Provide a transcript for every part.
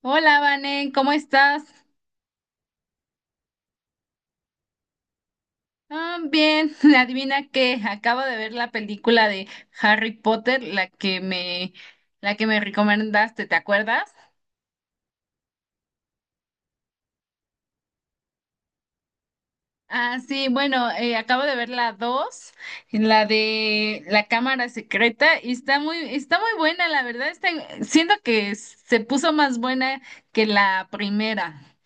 Hola, Vanen, ¿cómo estás? Ah, bien, adivina que acabo de ver la película de Harry Potter, la que me recomendaste, ¿te acuerdas? Ah, sí, bueno, acabo de ver la 2, la de la cámara secreta, y está muy buena, la verdad, está, siento que se puso más buena que la primera.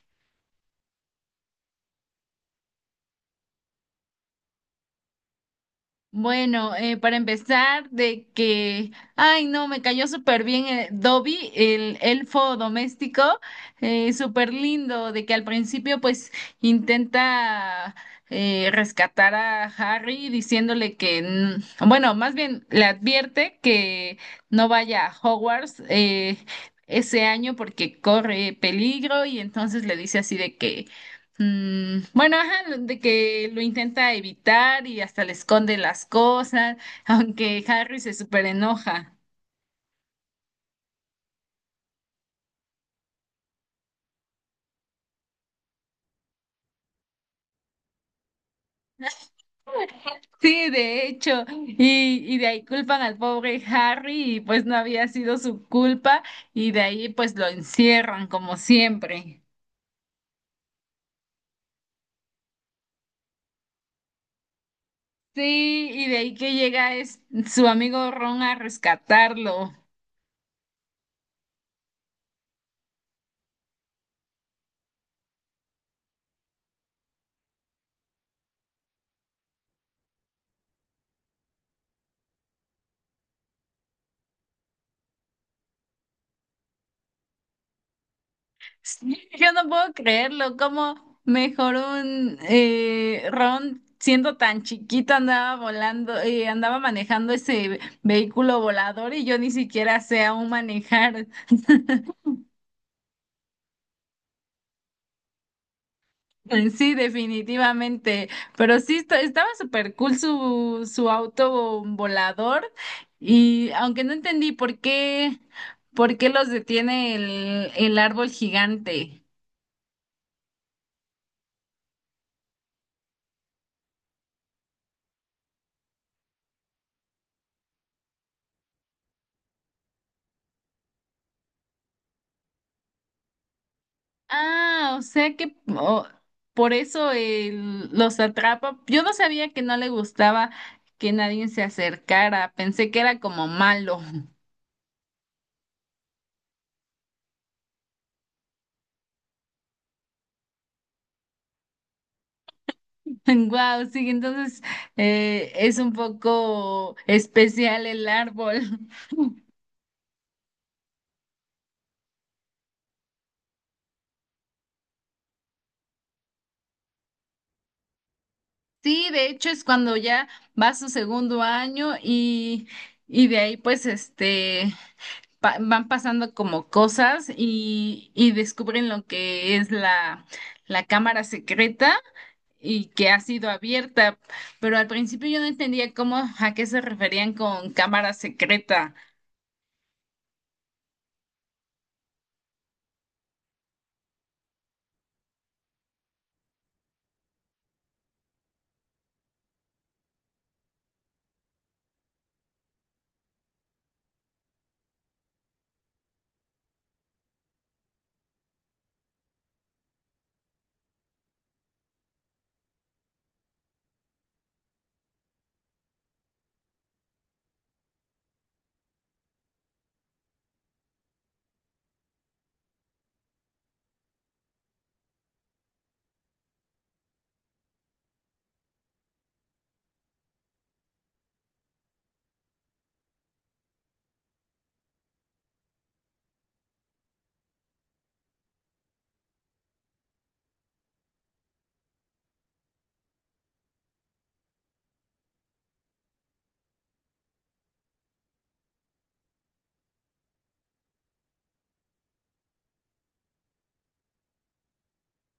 Bueno, para empezar, de que, ay, no, me cayó súper bien, Dobby, el elfo doméstico, súper lindo, de que al principio pues intenta, rescatar a Harry diciéndole que, bueno, más bien le advierte que no vaya a Hogwarts ese año porque corre peligro y entonces le dice así de que... Mm, bueno, ajá, de que lo intenta evitar y hasta le esconde las cosas, aunque Harry se súper enoja. Sí, de hecho, y de ahí culpan al pobre Harry y pues no había sido su culpa y de ahí pues lo encierran como siempre. Sí, y de ahí que llega es su amigo Ron a rescatarlo. Sí, yo no puedo creerlo, cómo mejor un, Ron siendo tan chiquito andaba volando, andaba manejando ese vehículo volador y yo ni siquiera sé aún manejar. Sí, definitivamente, pero sí estaba súper cool su auto volador y aunque no entendí por qué los detiene el árbol gigante. Ah, o sea que por eso él los atrapa. Yo no sabía que no le gustaba que nadie se acercara. Pensé que era como malo. Wow, sí, entonces es un poco especial el árbol. Sí, de hecho es cuando ya va su segundo año y de ahí pues este van pasando como cosas y descubren lo que es la cámara secreta. Y que ha sido abierta, pero al principio yo no entendía cómo a qué se referían con cámara secreta.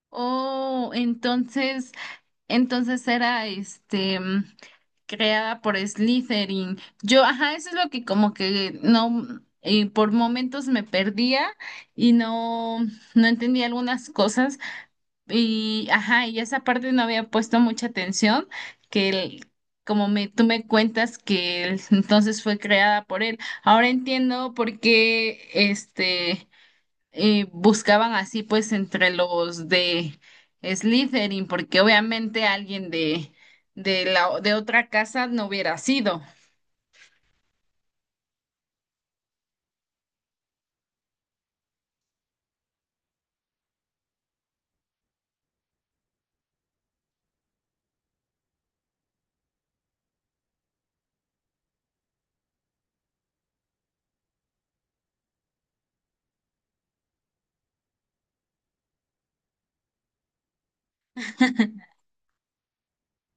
Oh, entonces era este, creada por Slytherin. Yo, ajá, eso es lo que como que no, por momentos me perdía y no entendía algunas cosas. Y, ajá, y esa parte no había puesto mucha atención, que el- como me, tú me cuentas entonces fue creada por él. Ahora entiendo por qué este, buscaban así pues entre los de Slytherin, porque obviamente alguien de otra casa no hubiera sido.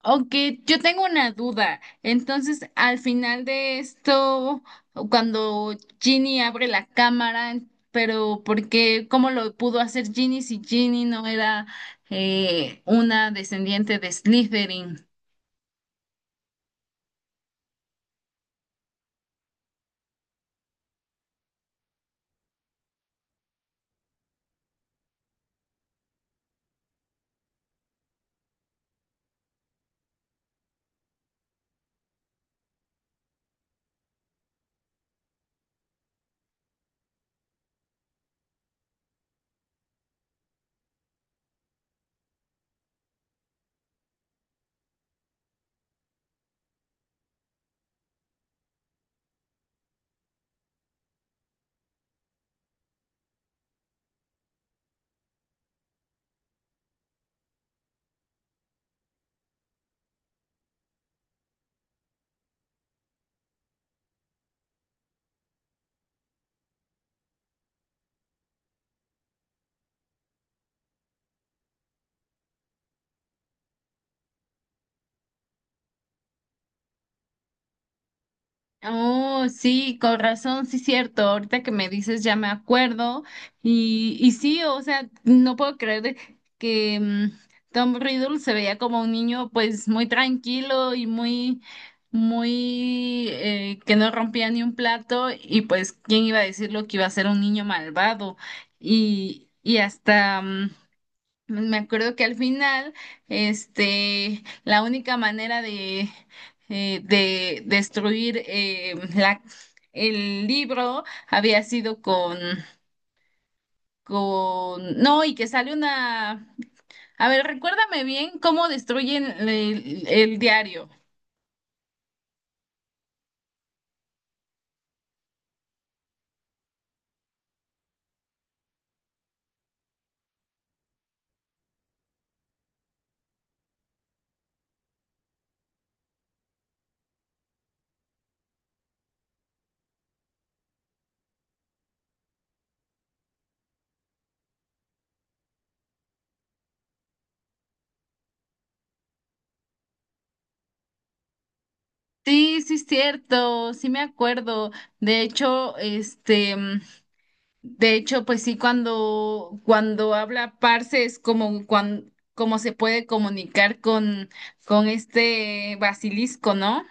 Aunque yo tengo una duda. Entonces, al final de esto, cuando Ginny abre la cámara, pero ¿por qué? ¿Cómo lo pudo hacer Ginny si Ginny no era, una descendiente de Slytherin? Oh, sí, con razón, sí, cierto. Ahorita que me dices ya me acuerdo. Y sí, o sea, no puedo creer que, Tom Riddle se veía como un niño pues muy tranquilo y muy, muy, que no rompía ni un plato y pues, ¿quién iba a decirlo que iba a ser un niño malvado? Y hasta... me acuerdo que al final, este, la única manera de destruir, el libro había sido con, no, y que sale una, a ver, recuérdame bien cómo destruyen el diario. Sí, sí es cierto, sí me acuerdo. De hecho, este, de hecho, pues sí, cuando habla Parse es como, como se puede comunicar con este basilisco, ¿no?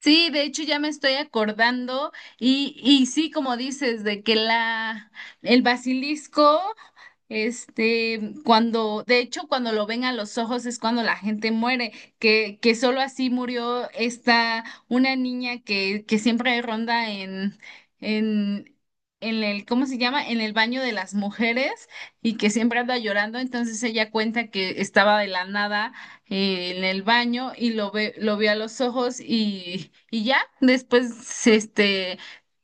Sí, de hecho ya me estoy acordando y sí, como dices, de que el basilisco, este, cuando, de hecho, cuando lo ven a los ojos es cuando la gente muere, que solo así murió esta, una niña que siempre ronda en, en el, ¿cómo se llama? En el baño de las mujeres y que siempre anda llorando, entonces ella cuenta que estaba de la nada, en el baño y lo vio a los ojos y ya, después, este,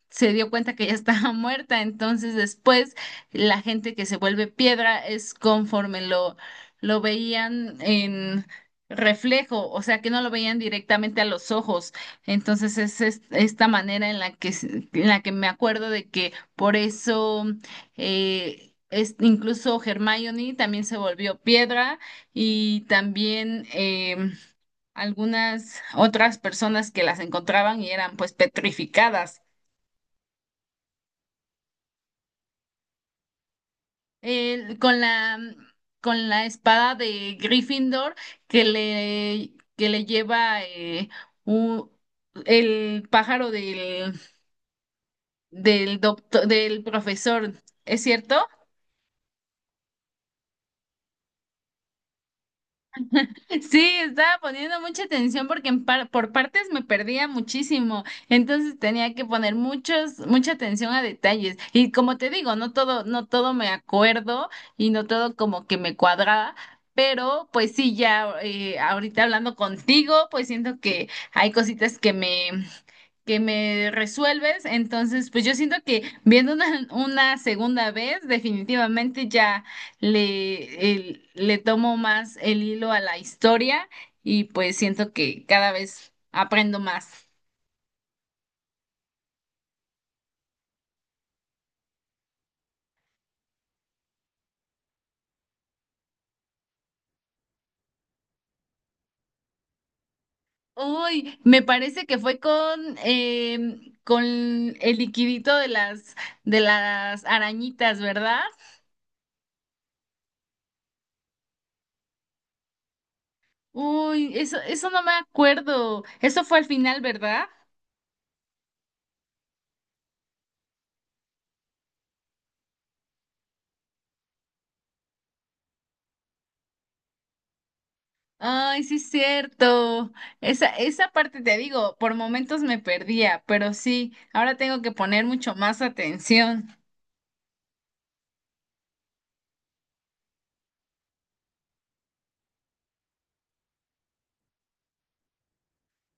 se dio cuenta que ya estaba muerta. Entonces después la gente que se vuelve piedra es conforme lo veían en reflejo, o sea que no lo veían directamente a los ojos. Entonces es, esta manera en la que, en la que me acuerdo de que por eso... incluso Hermione también se volvió piedra y también, algunas otras personas que las encontraban y eran pues petrificadas. eh, con la, con la espada de Gryffindor que le lleva, u- el pájaro del, del doctor, del profesor, ¿es cierto? Sí, estaba poniendo mucha atención porque en por partes me perdía muchísimo, entonces tenía que poner mucha atención a detalles. Y como te digo, no todo me acuerdo y no todo como que me cuadraba, pero pues sí, ya, ahorita hablando contigo, pues siento que hay cositas que me resuelves. Entonces, pues yo siento que viendo una, una segunda vez, definitivamente ya le tomo más el hilo a la historia y pues siento que cada vez aprendo más. Uy, me parece que fue con, con el liquidito de las arañitas, ¿verdad? Uy, eso no me acuerdo. Eso fue al final, ¿verdad? Ay, sí, es cierto. Esa parte te digo, por momentos me perdía, pero sí, ahora tengo que poner mucho más atención.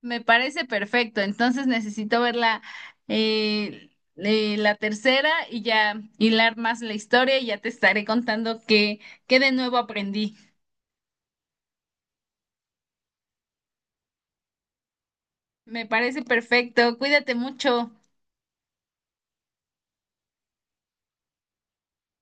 Me parece perfecto, entonces necesito ver eh, la tercera y ya hilar más la historia y ya te estaré contando qué, qué de nuevo aprendí. Me parece perfecto, cuídate mucho.